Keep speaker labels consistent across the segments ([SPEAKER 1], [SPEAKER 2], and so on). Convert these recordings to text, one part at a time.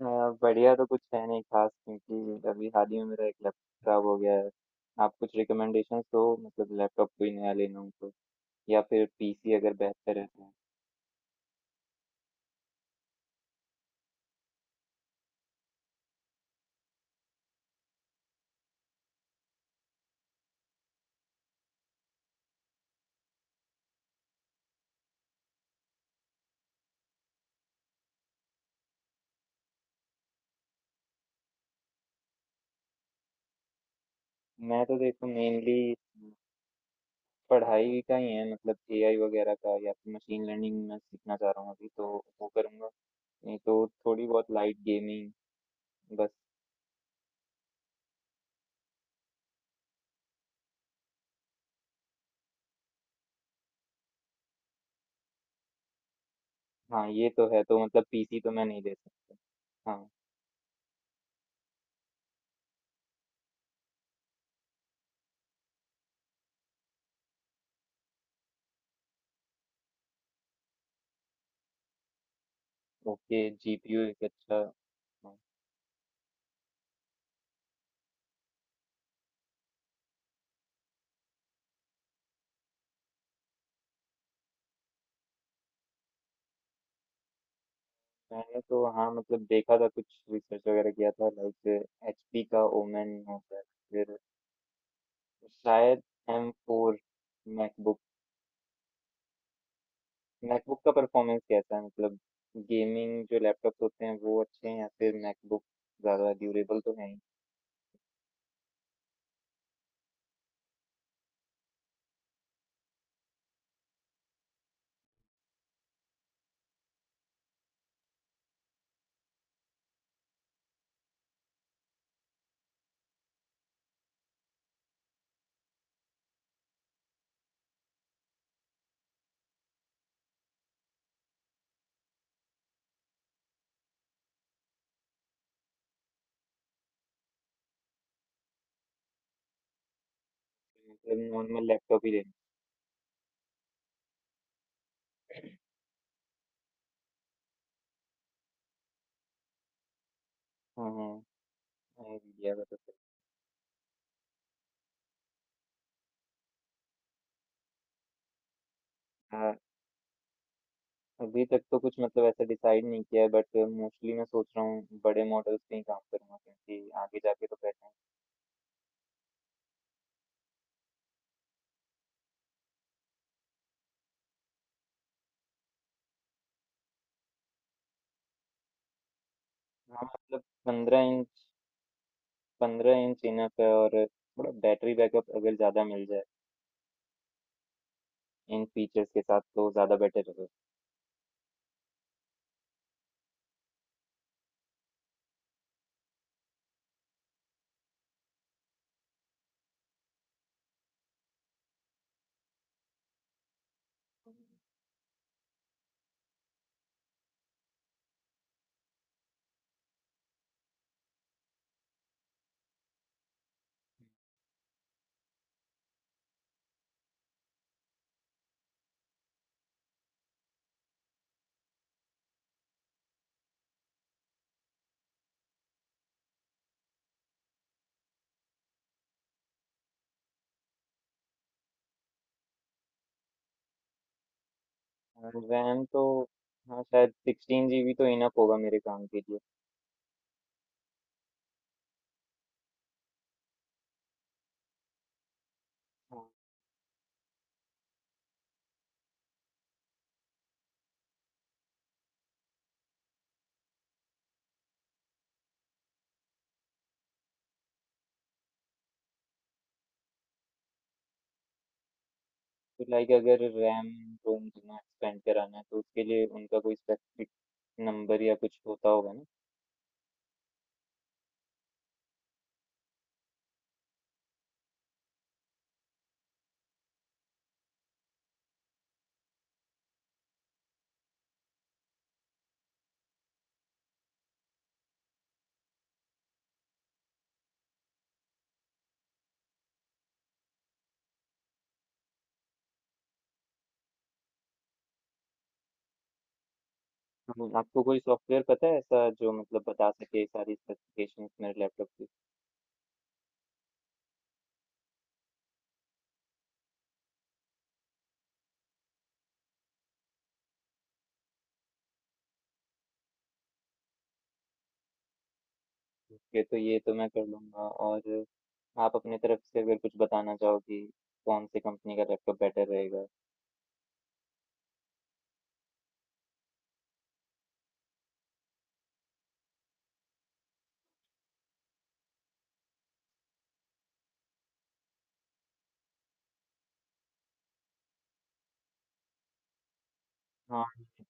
[SPEAKER 1] अ, बढ़िया तो कुछ है नहीं खास क्योंकि अभी हाल ही में मेरा एक लैपटॉप खराब हो गया है। आप कुछ रिकमेंडेशंस दो मतलब लैपटॉप कोई नया ले लूँ तो या फिर पीसी अगर बेहतर है तो। मैं तो देखो मेनली पढ़ाई का ही है मतलब एआई वगैरह का या फिर मशीन लर्निंग मैं सीखना चाह रहा हूँ अभी तो वो करूँगा। नहीं तो थोड़ी बहुत लाइट गेमिंग बस। हाँ ये तो है तो मतलब पीसी तो मैं नहीं ले सकता। हाँ। ओके जीपीयू एक अच्छा। हाँ। मैंने तो हाँ मतलब देखा था कुछ रिसर्च वगैरह किया था लाइक एचपी का ओमेन होता है। फिर शायद M4 मैकबुक। मैकबुक का परफॉर्मेंस कैसा है मतलब गेमिंग जो लैपटॉप होते हैं वो अच्छे हैं या फिर मैकबुक ज़्यादा ड्यूरेबल तो है ही। मतलब नॉर्मल लैपटॉप ही लेना। हाँ हाँ। आइडिया का तो सही। हाँ। अभी तक तो कुछ मतलब ऐसा डिसाइड नहीं किया है बट मोस्टली मैं सोच रहा हूँ बड़े मॉडल्स पे ही काम करूंगा क्योंकि आगे जाके तो करना है। हाँ मतलब 15 इंच। 15 इंच इनफ है और थोड़ा बैटरी बैकअप अगर ज़्यादा मिल जाए इन फीचर्स के साथ तो ज़्यादा बेटर है। और रैम तो हाँ शायद 16 GB तो इनफ होगा मेरे काम के लिए। हाँ। तो लाइक अगर रैम रोम जितना एक्सपेंड कराना है तो उसके लिए उनका कोई स्पेसिफिक नंबर या कुछ होता होगा ना। तो आपको कोई सॉफ्टवेयर पता है ऐसा जो मतलब बता सके सारी स्पेसिफिकेशंस मेरे लैपटॉप की। ओके तो ये तो मैं कर लूँगा और आप अपने तरफ से अगर कुछ बताना चाहो कि कौन से कंपनी का लैपटॉप बेटर रहेगा। हाँ,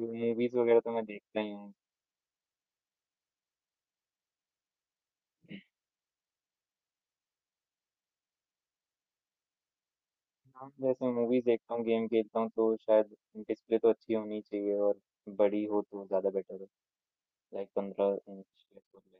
[SPEAKER 1] मूवीज़ वगैरह तो मैं देखता ही हूँ। हाँ, जैसे मूवीज़ देखता हूँ, गेम खेलता हूँ तो शायद डिस्प्ले तो अच्छी होनी चाहिए और बड़ी हो तो ज़्यादा बेटर है, लाइक 15 इंच या 16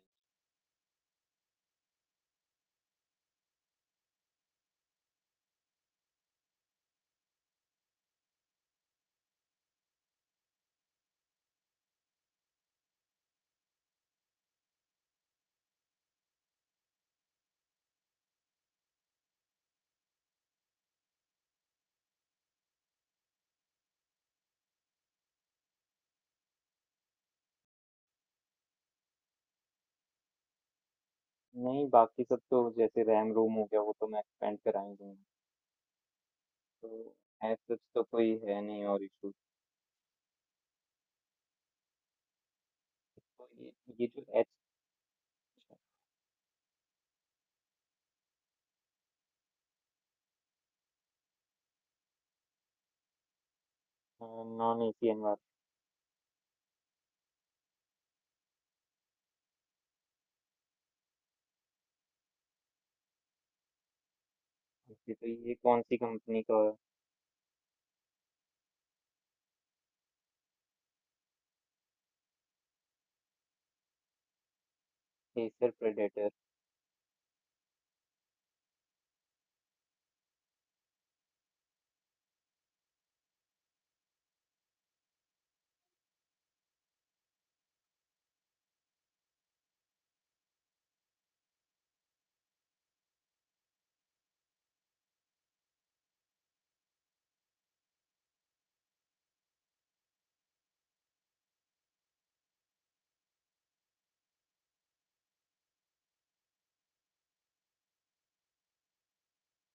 [SPEAKER 1] इंच। नहीं, बाकी सब तो जैसे रैम रोम हो गया वो तो मैं एक्सपेंड करा ही दूँगा, तो एज सच तो कोई है नहीं और इशू। तो ये जो एच। Non AC. एनवायरनमेंट तो ये कौन सी कंपनी का। Acer predator.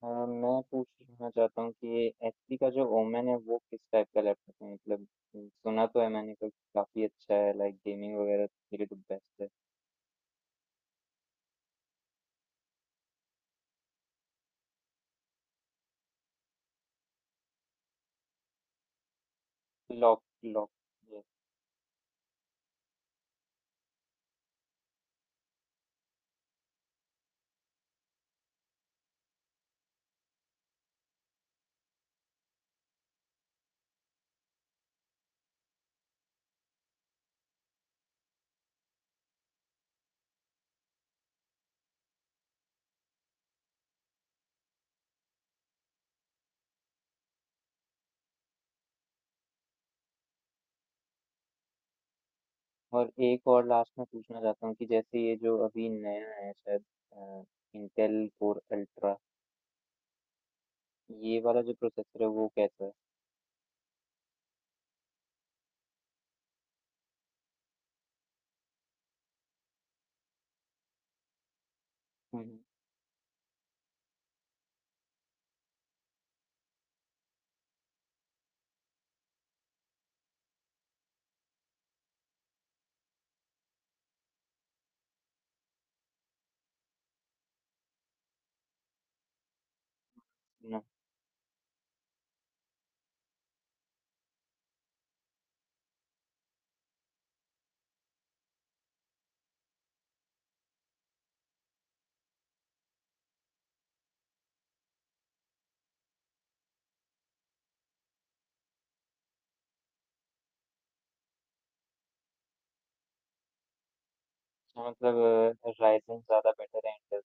[SPEAKER 1] मैं पूछना चाहता हूँ कि एचपी का जो ओमेन है वो किस टाइप का लैपटॉप है मतलब। सुना तो है मैंने कि काफी अच्छा है लाइक गेमिंग वगैरह के लिए तो बेस्ट है। Lock lock. yes। और एक और लास्ट में पूछना चाहता हूँ कि जैसे ये जो अभी नया है शायद इंटेल कोर अल्ट्रा ये वाला जो प्रोसेसर है वो कैसा है। हम्म, ना। अच्छा, मतलब राइजन ज्यादा बेटर है इंटेल।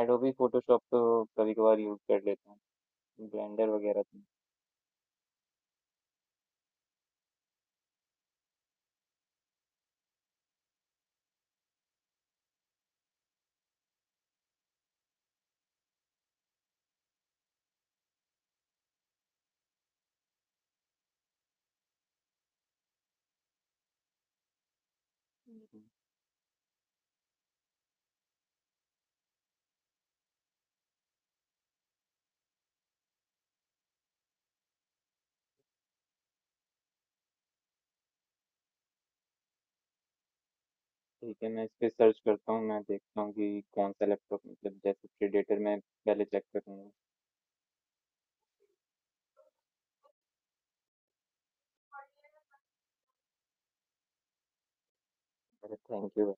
[SPEAKER 1] एडोबी फोटोशॉप तो कभी कभार यूज कर लेता हूँ ब्लेंडर वगैरह तो। ठीक है, मैं इस पे सर्च करता हूँ, मैं देखता हूँ कि कौन सा लैपटॉप मतलब जैसे प्रीडेटर मैं पहले चेक करूँगा। अरे थैंक यू।